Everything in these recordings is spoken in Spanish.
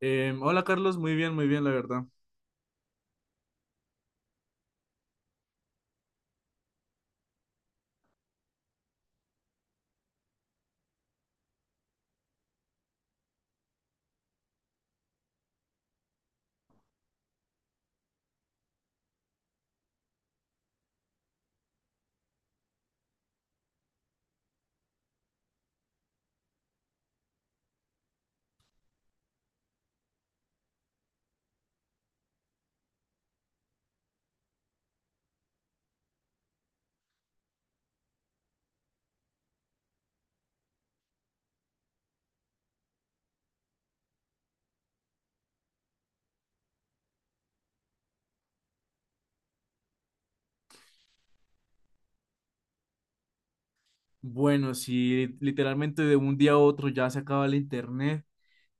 Hola Carlos, muy bien, la verdad. Bueno, si literalmente de un día a otro ya se acaba el internet,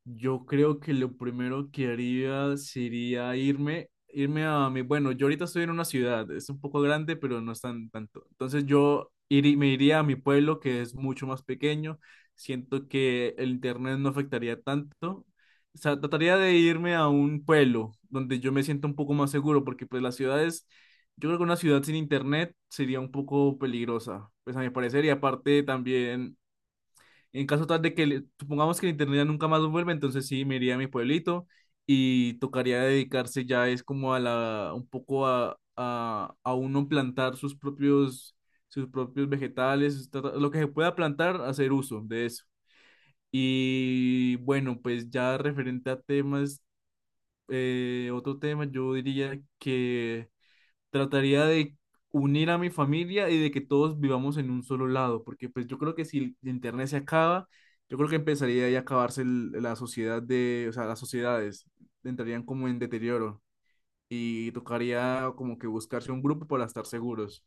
yo creo que lo primero que haría sería irme a mi, bueno, yo ahorita estoy en una ciudad, es un poco grande, pero no es tan tanto. Entonces me iría a mi pueblo, que es mucho más pequeño. Siento que el internet no afectaría tanto. O sea, trataría de irme a un pueblo donde yo me sienta un poco más seguro, porque pues las ciudades, yo creo que una ciudad sin internet sería un poco peligrosa, pues a mi parecer. Y aparte también, en caso tal de que, supongamos que el internet ya nunca más vuelve, entonces sí, me iría a mi pueblito y tocaría dedicarse ya es como a la, un poco a uno plantar sus propios vegetales, lo que se pueda plantar, hacer uso de eso. Y bueno, pues ya referente a temas, otro tema, yo diría que trataría de unir a mi familia y de que todos vivamos en un solo lado, porque pues yo creo que si el internet se acaba, yo creo que empezaría ahí a la sociedad. De, o sea, las sociedades entrarían como en deterioro y tocaría como que buscarse un grupo para estar seguros.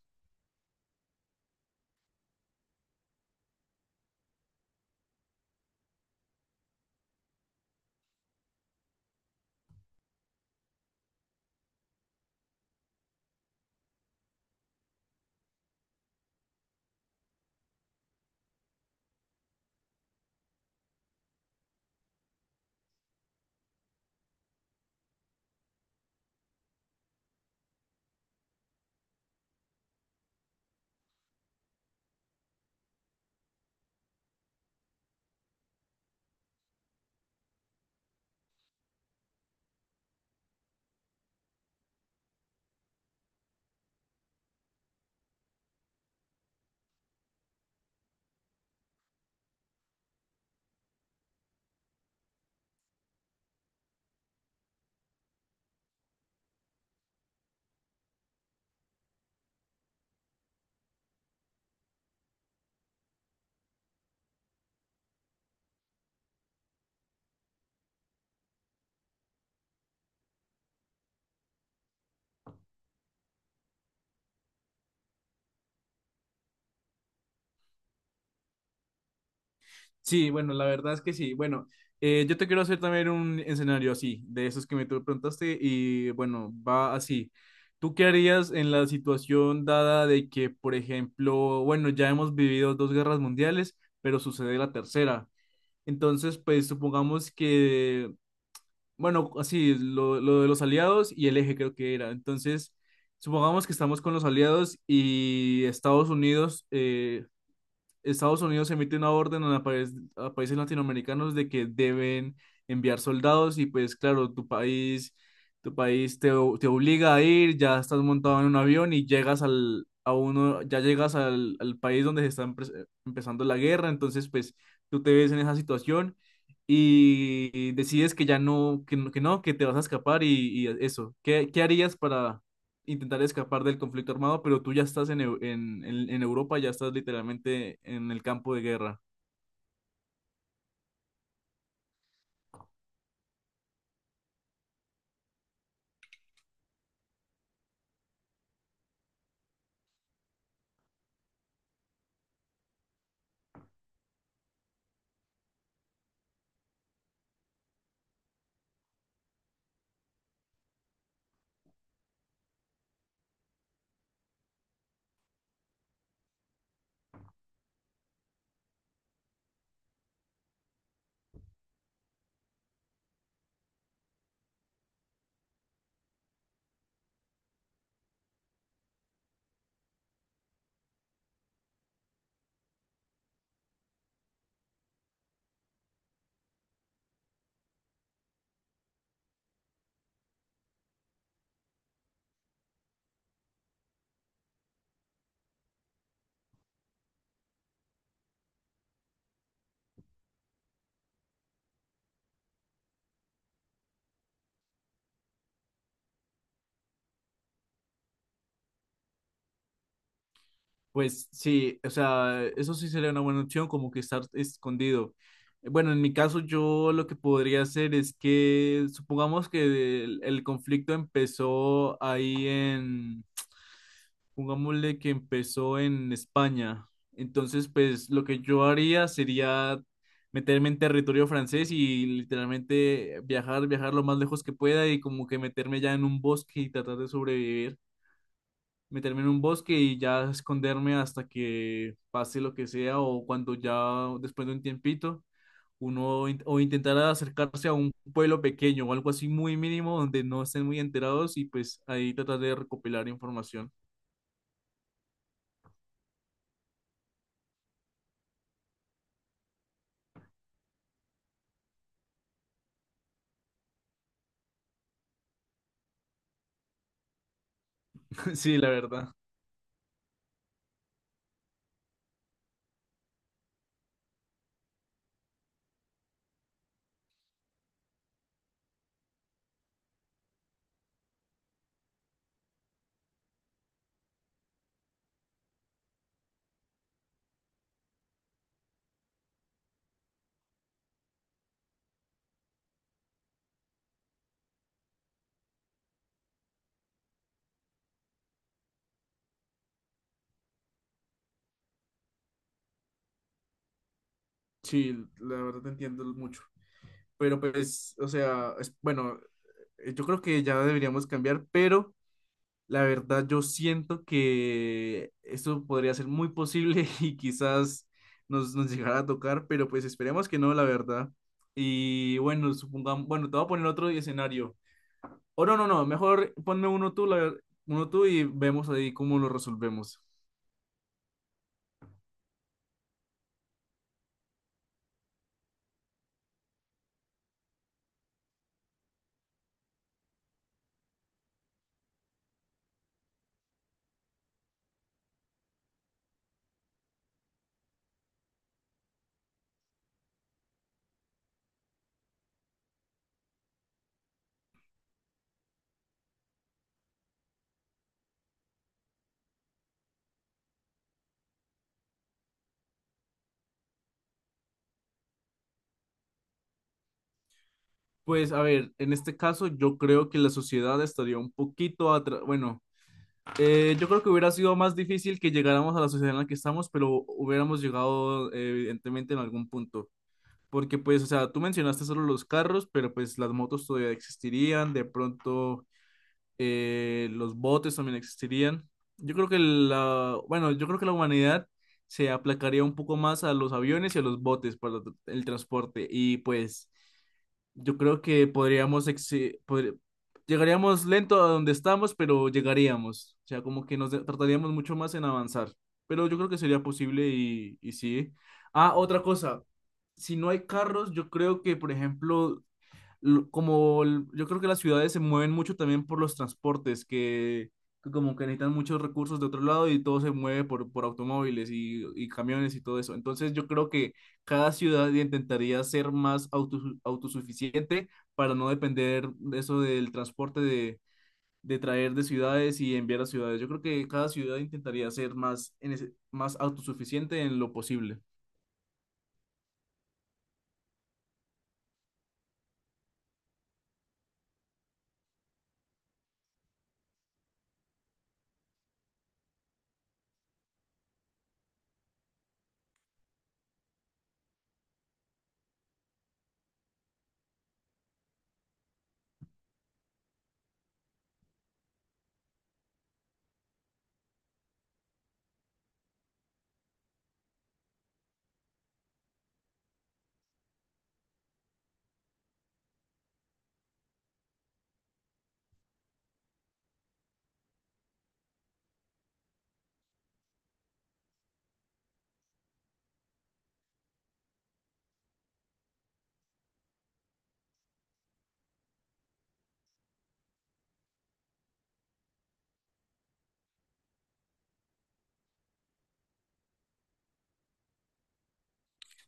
Sí, bueno, la verdad es que sí. Bueno, yo te quiero hacer también un escenario así, de esos que me tú preguntaste, y bueno, va así. ¿Tú qué harías en la situación dada de que, por ejemplo, bueno, ya hemos vivido dos guerras mundiales, pero sucede la tercera? Entonces, pues supongamos que, bueno, así, lo de los aliados y el eje creo que era. Entonces, supongamos que estamos con los aliados y Estados Unidos, Estados Unidos emite una orden a, a países latinoamericanos de que deben enviar soldados. Y pues claro, tu país te, te obliga a ir, ya estás montado en un avión y llegas al, a uno, ya llegas al, al país donde se está empezando la guerra, entonces pues tú te ves en esa situación y decides que ya no, que, que no, que te vas a escapar y eso. Qué harías para intentar escapar del conflicto armado, pero tú ya estás en, en Europa, ya estás literalmente en el campo de guerra? Pues sí, o sea, eso sí sería una buena opción, como que estar escondido. Bueno, en mi caso yo lo que podría hacer es que, supongamos que el conflicto empezó ahí en. Pongámosle que empezó en España. Entonces, pues lo que yo haría sería meterme en territorio francés y literalmente viajar lo más lejos que pueda y como que meterme ya en un bosque y tratar de sobrevivir. Meterme en un bosque y ya esconderme hasta que pase lo que sea, o cuando ya después de un tiempito o intentar acercarse a un pueblo pequeño o algo así muy mínimo donde no estén muy enterados y pues ahí tratar de recopilar información. Sí, la verdad. Sí, la verdad te entiendo mucho. Pero pues, o sea, es, bueno, yo creo que ya deberíamos cambiar, pero la verdad yo siento que esto podría ser muy posible y quizás nos llegara a tocar, pero pues esperemos que no, la verdad. Y bueno, supongamos, bueno, te voy a poner otro escenario. O no, no, no, mejor ponme uno tú, uno tú y vemos ahí cómo lo resolvemos. Pues a ver, en este caso yo creo que la sociedad estaría un poquito atrás, bueno. Yo creo que hubiera sido más difícil que llegáramos a la sociedad en la que estamos, pero hubiéramos llegado, evidentemente, en algún punto. Porque pues, o sea, tú mencionaste solo los carros, pero pues las motos todavía existirían, de pronto los botes también existirían. Yo creo que la, bueno, yo creo que la humanidad se aplacaría un poco más a los aviones y a los botes para el transporte. Y pues yo creo que llegaríamos lento a donde estamos, pero llegaríamos. O sea, como que tardaríamos mucho más en avanzar. Pero yo creo que sería posible y sí. Ah, otra cosa. Si no hay carros, yo creo que, por ejemplo, yo creo que las ciudades se mueven mucho también por los transportes, que como que necesitan muchos recursos de otro lado y todo se mueve por automóviles y camiones y todo eso. Entonces yo creo que cada ciudad intentaría ser más autosuficiente para no depender de eso del transporte de traer de ciudades y enviar a ciudades. Yo creo que cada ciudad intentaría ser más, más autosuficiente en lo posible.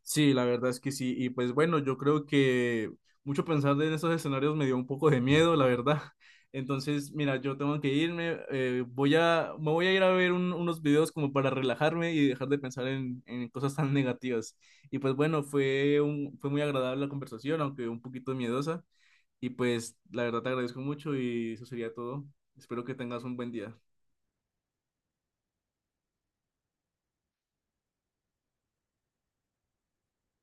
Sí, la verdad es que sí. Y pues bueno, yo creo que mucho pensar en esos escenarios me dio un poco de miedo, la verdad. Entonces, mira, yo tengo que irme. Voy a, me voy a ir a ver unos videos como para relajarme y dejar de pensar en cosas tan negativas. Y pues bueno, fue muy agradable la conversación, aunque un poquito miedosa. Y pues la verdad te agradezco mucho y eso sería todo. Espero que tengas un buen día.